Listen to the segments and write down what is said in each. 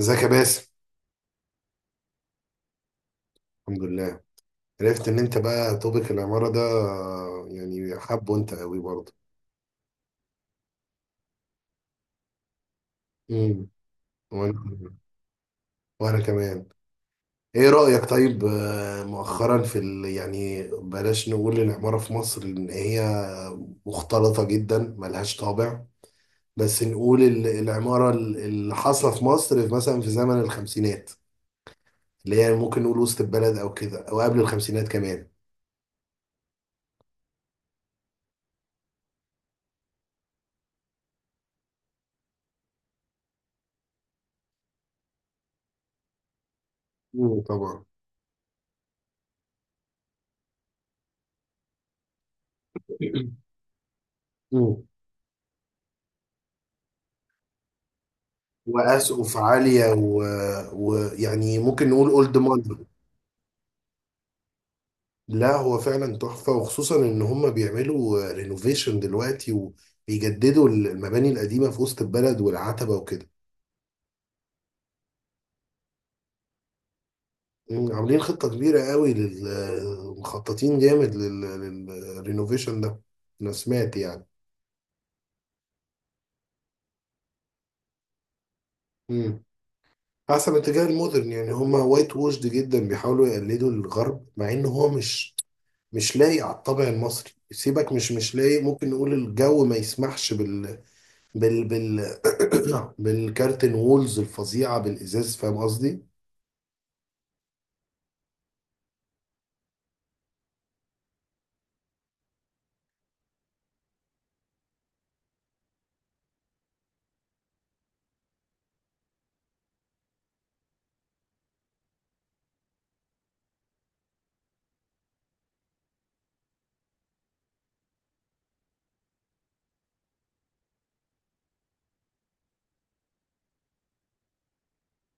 ازيك يا باسم؟ الحمد لله. عرفت ان انت بقى توبيك العمارة ده، يعني حابه انت قوي برضه. امم وانا وانا كمان. ايه رأيك طيب، مؤخرا في يعني بلاش نقول العمارة في مصر ان هي مختلطة جدا ملهاش طابع، بس نقول العمارة اللي حاصلة في مصر في مثلا في زمن الخمسينات، اللي هي ممكن نقول وسط البلد او كده او قبل الخمسينات كمان. طبعا. امم واسقف عاليه، ويعني ممكن نقول اولد ماني. لا، هو فعلا تحفه، وخصوصا ان هم بيعملوا رينوفيشن دلوقتي وبيجددوا المباني القديمه في وسط البلد والعتبه وكده. عاملين خطه كبيره قوي مخططين جامد للرينوفيشن ده. انا سمعت يعني. مم. حسب اتجاه المودرن، يعني هم وايت ووشد جدا بيحاولوا يقلدوا الغرب، مع ان هو مش لايق على الطابع المصري. سيبك، مش لايق. ممكن نقول الجو ما يسمحش بال بال بال بالكارتن وولز الفظيعة بالإزاز. فاهم قصدي؟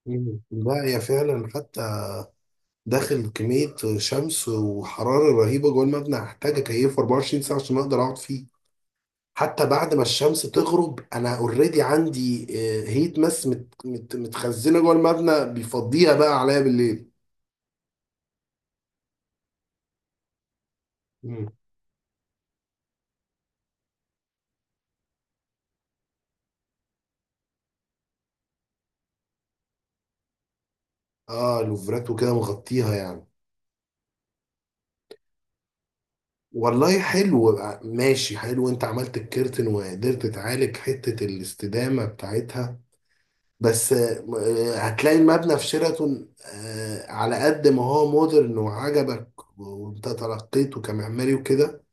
مم. لا، هي فعلا، حتى داخل كمية شمس وحرارة رهيبة جوه المبنى، هحتاج أكيفه 24 ساعة عشان أقدر أقعد فيه. حتى بعد ما الشمس تغرب، أنا أوريدي عندي هيت ماس مت مت متخزنة جوه المبنى، بيفضيها بقى عليا بالليل. مم. آه، لوفرات وكده مغطيها يعني. والله حلو، ماشي حلو، انت عملت الكيرتن وقدرت تعالج حتة الاستدامة بتاعتها. بس هتلاقي المبنى في شيراتون، على قد ما هو مودرن وعجبك وانت ترقيته كمعماري وكده،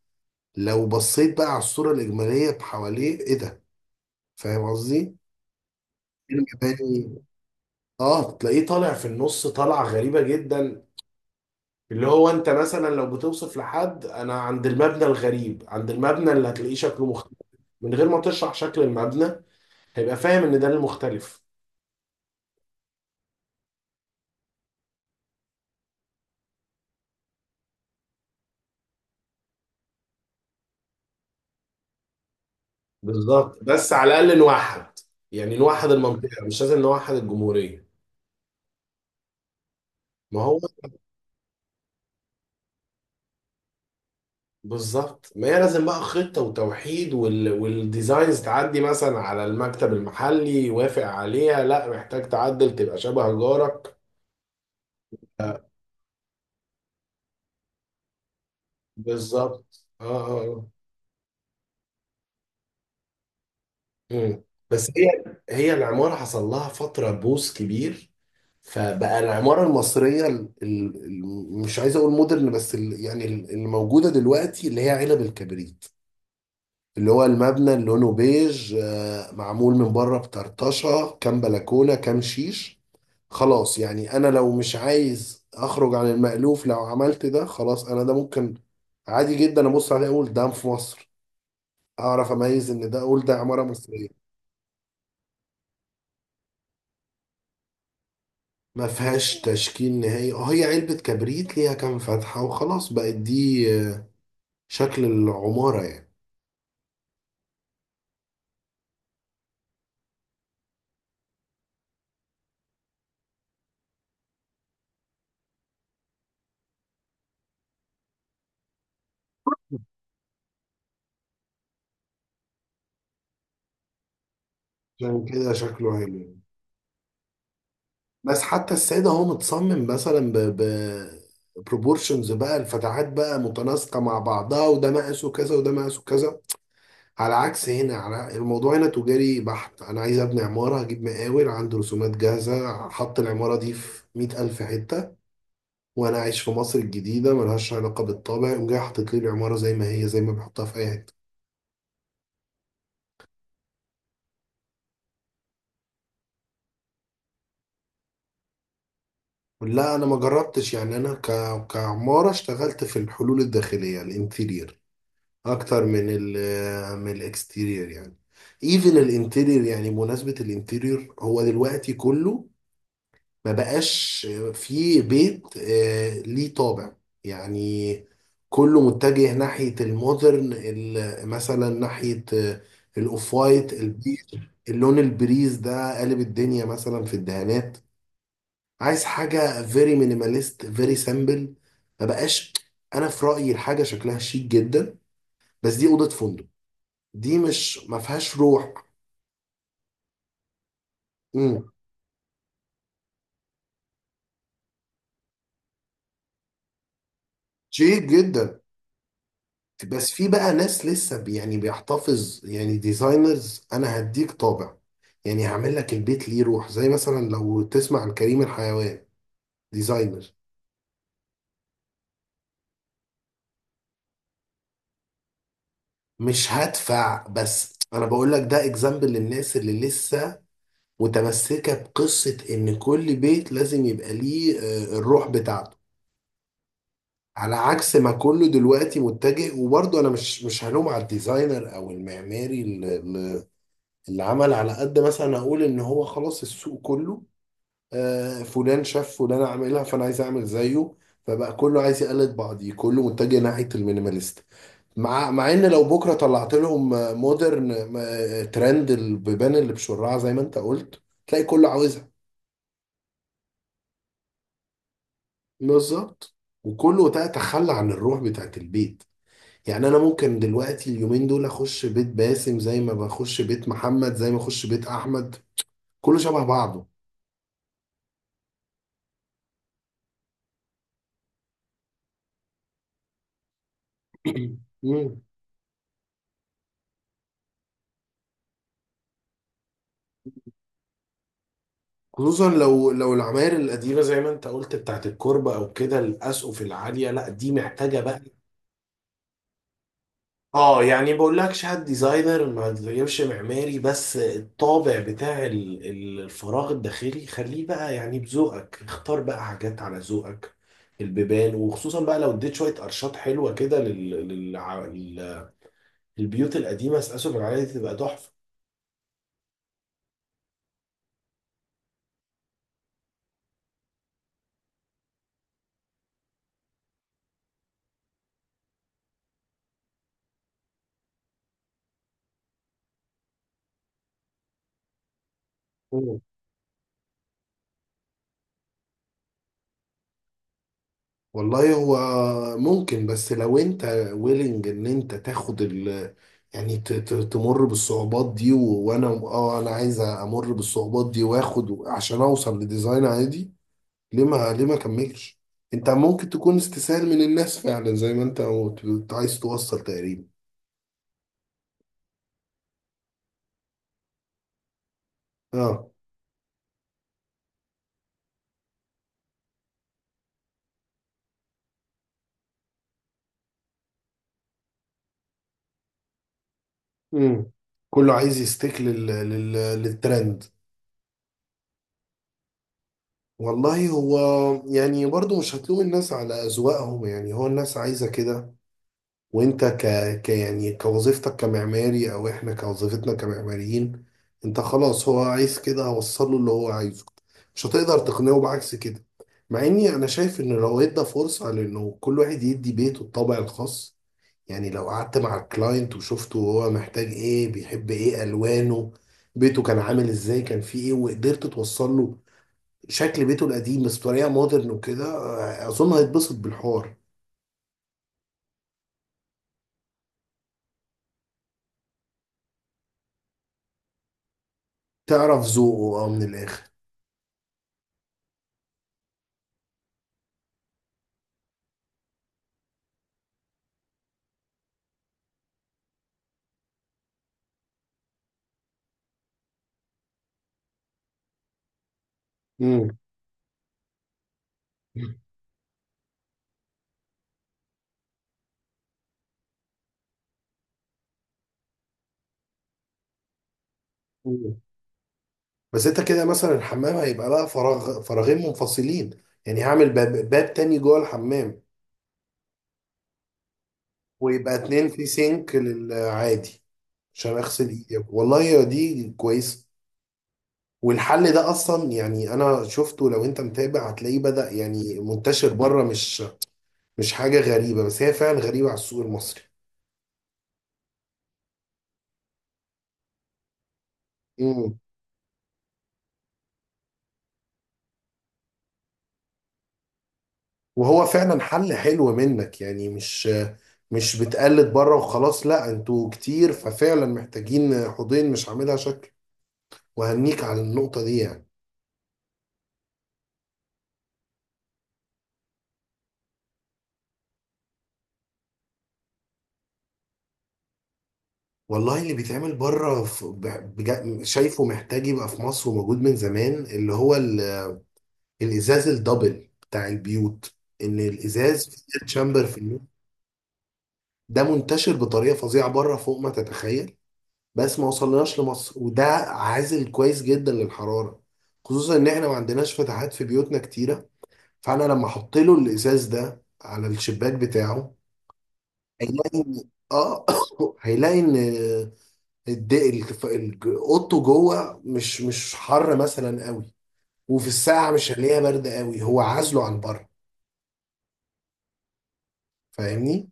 لو بصيت بقى على الصورة الإجمالية حواليه، ايه ده؟ فاهم قصدي؟ المباني. اه، تلاقيه طالع في النص، طالعة غريبة جدا، اللي هو انت مثلا لو بتوصف لحد: انا عند المبنى الغريب، عند المبنى اللي هتلاقيه شكله مختلف، من غير ما تشرح شكل المبنى هيبقى فاهم ان ده المختلف. بالظبط، بس على الاقل نوحد، يعني نوحد المنطقه، مش لازم نوحد الجمهوريه. ما هو. بالظبط، ما هي لازم بقى خطه وتوحيد، والديزاينز تعدي مثلا على المكتب المحلي، يوافق عليها، لا، محتاج تعدل تبقى شبه جارك. بالظبط، اه، اه، مم. بس هي العمارة حصل لها فترة بوس كبير. فبقى العمارة المصرية مش عايز أقول مودرن، بس يعني اللي موجودة دلوقتي، اللي هي علب الكبريت، اللي هو المبنى اللي لونه بيج، معمول من بره بطرطشة كام بلكونة كام شيش. خلاص، يعني أنا لو مش عايز أخرج عن المألوف، لو عملت ده، خلاص، أنا ده ممكن عادي جدا أبص عليه أقول ده في مصر، أعرف أميز إن ده، أقول ده عمارة مصرية. ما فيهاش تشكيل نهائي، اه، هي علبة كبريت ليها كام فتحة وخلاص، بقت دي شكل العمارة يعني. عشان كده شكله حلو يعني. بس حتى السيدة هو متصمم مثلا ب بروبورشنز، بقى الفتحات بقى متناسقة مع بعضها، وده مقاسه كذا وده مقاسه كذا، على عكس هنا. على الموضوع هنا تجاري بحت، أنا عايز أبني عمارة، هجيب مقاول عنده رسومات جاهزة، حط العمارة دي في 100,000 حتة، وانا عايش في مصر الجديده ملهاش علاقه بالطابع، يقوم جاي حاطط لي العماره زي ما هي، زي ما بيحطها في اي حته. لا، انا ما جربتش يعني، انا كعماره اشتغلت في الحلول الداخليه الانتيرير اكتر من من الاكستيرير يعني. ايفن الانتيرير، يعني بمناسبه الانتيرير، هو دلوقتي كله ما بقاش في بيت ليه طابع يعني، كله متجه ناحية المودرن مثلا ناحية الأوف وايت البيج. اللون البريز ده قالب الدنيا مثلا في الدهانات. عايز حاجة فيري مينيماليست فيري سامبل، ما بقاش. أنا في رأيي الحاجة شكلها شيك جدا، بس دي أوضة فندق، دي مش، ما فيهاش روح. امم شيك جدا. بس في بقى ناس لسه يعني بيحتفظ، يعني ديزاينرز، انا هديك طابع، يعني هعمل لك البيت ليه روح، زي مثلا لو تسمع عن كريم الحيوان ديزاينر. مش هدفع، بس انا بقول لك ده اكزامبل للناس اللي لسه متمسكة بقصة ان كل بيت لازم يبقى ليه الروح بتاعته. على عكس ما كله دلوقتي متجه، وبرضه انا مش هلوم على الديزاينر او المعماري اللي عمل على قد، مثلا اقول ان هو خلاص السوق كله، فلان شاف فلان عاملها فانا عايز اعمل زيه. فبقى كله عايز يقلد بعضيه، كله متجه ناحيه المينيماليست، مع ان لو بكره طلعت لهم مودرن، ترند البيبان اللي بشرعه، زي ما انت قلت، تلاقي كله عاوزها. بالظبط، وكله ده تخلى عن الروح بتاعت البيت. يعني انا ممكن دلوقتي اليومين دول اخش بيت باسم زي ما بخش بيت محمد، زي ما اخش بيت احمد، كله شبه بعضه. مم. خصوصا لو العماير القديمه، زي ما انت قلت، بتاعت الكوربه او كده، الاسقف العاليه، لا دي محتاجه بقى. اه، يعني بقول لكش: هات ديزاينر، ما تغيرش معماري، بس الطابع بتاع الفراغ الداخلي خليه بقى، يعني بذوقك اختار بقى حاجات على ذوقك، البيبان، وخصوصا بقى لو اديت شويه قرشات حلوه كده للبيوت القديمه، اسقف العاليه دي تبقى تحفه. والله هو ممكن، بس لو انت ويلنج ان انت تاخد يعني تمر بالصعوبات دي، و- وانا اه انا عايز امر بالصعوبات دي، واخد عشان اوصل لديزاين عادي. ليه ما، اكملش. انت ممكن تكون استسهال من الناس، فعلا زي ما انت قلت، كنت عايز توصل تقريبا. اه. امم. كله عايز يستيك للترند. والله هو، يعني، برضو مش هتلوم الناس على اذواقهم، يعني هو الناس عايزة كده. وانت ك... ك يعني كوظيفتك كمعماري، او احنا كوظيفتنا كمعماريين، انت خلاص، هو عايز كده، هوصله اللي هو عايزه، مش هتقدر تقنعه بعكس كده. مع اني انا شايف ان لو ادى فرصة لانه كل واحد يدي بيته الطابع الخاص، يعني لو قعدت مع الكلاينت وشفته، هو محتاج ايه، بيحب ايه، الوانه، بيته كان عامل ازاي، كان فيه ايه، وقدرت توصل له شكل بيته القديم بس بطريقة مودرن وكده، اظن هيتبسط بالحوار. تعرف ذوقه، اه، من الاخر. مم. مم. بس انت كده مثلا الحمام هيبقى لها فراغ، فراغين منفصلين، يعني هعمل باب، باب تاني جوه الحمام. ويبقى اتنين في سينك للعادي، عشان اغسل ايدي، والله يا دي كويسه. والحل ده اصلا، يعني انا شفته، لو انت متابع هتلاقيه بدأ يعني منتشر بره، مش حاجه غريبه، بس هي فعلا غريبه على السوق المصري. مم. وهو فعلا حل حلو منك، يعني مش بتقلد بره وخلاص، لا، انتوا كتير، ففعلا محتاجين حوضين مش عاملها شكل، وهنيك على النقطة دي يعني. والله اللي بيتعمل بره شايفه محتاج يبقى في مصر، وموجود من زمان، اللي هو الإزاز الدبل بتاع البيوت، إن الإزاز في تشامبر في النص. ده منتشر بطريقة فظيعة بره، فوق ما تتخيل، بس ما وصلناش لمصر، وده عازل كويس جدا للحرارة، خصوصا إن إحنا ما عندناش فتحات في بيوتنا كتيرة. فأنا لما أحط له الإزاز ده على الشباك بتاعه هيلاقي آه هيلاقي إن اوضته جوه مش حر مثلا قوي، وفي الساعه مش هنلاقيها بارده قوي، هو عازله عن بره، فاهمني.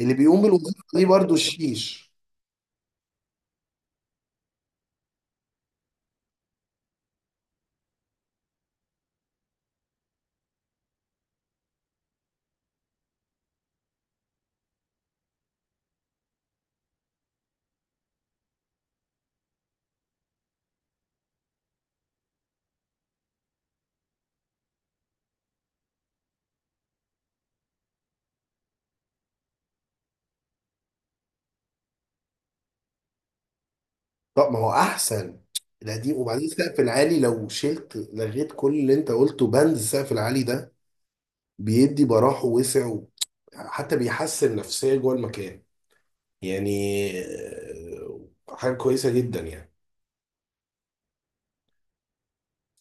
اللي بيقوم بالوظيفه دي برضو الشيش. طب ما هو احسن القديم، وبعدين السقف العالي، لو شلت، لغيت كل اللي انت قلته، بند السقف العالي ده بيدي براح ووسع حتى بيحسن نفسيا جوه المكان، يعني آه، حاجه كويسه جدا يعني.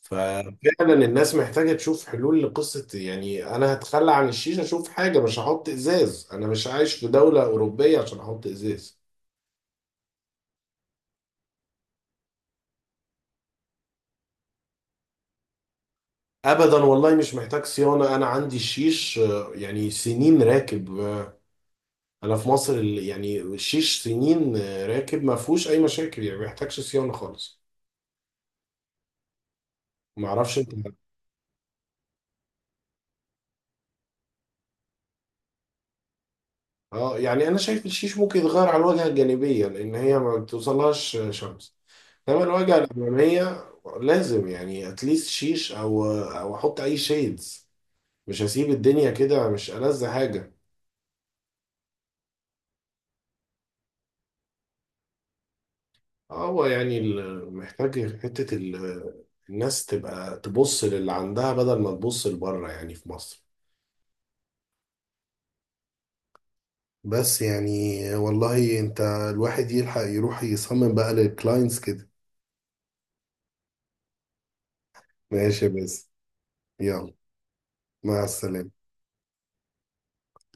ففعلا الناس محتاجة تشوف حلول لقصة يعني أنا هتخلى عن الشيشة، أشوف حاجة، مش هحط إزاز، أنا مش عايش في دولة أوروبية عشان أحط إزاز. أبدا، والله مش محتاج صيانة، أنا عندي الشيش، يعني سنين راكب، أنا في مصر، يعني الشيش سنين راكب، ما فيهوش أي مشاكل، يعني ما يحتاجش صيانة خالص. ما أعرفش أنت. أه، يعني أنا شايف الشيش ممكن يتغير على الواجهة الجانبية، لأن هي ما بتوصلهاش شمس، تعمل وجهة الأمامية لازم يعني اتليست شيش، أو أحط أي شيدز، مش هسيب الدنيا كده، مش ألذ حاجة. هو يعني محتاج حتة الناس تبقى تبص للي عندها بدل ما تبص لبره، يعني في مصر. بس يعني، والله، انت الواحد يلحق يروح يصمم بقى للكلاينتس كده. ماشي، بس، يلا. مع السلامة.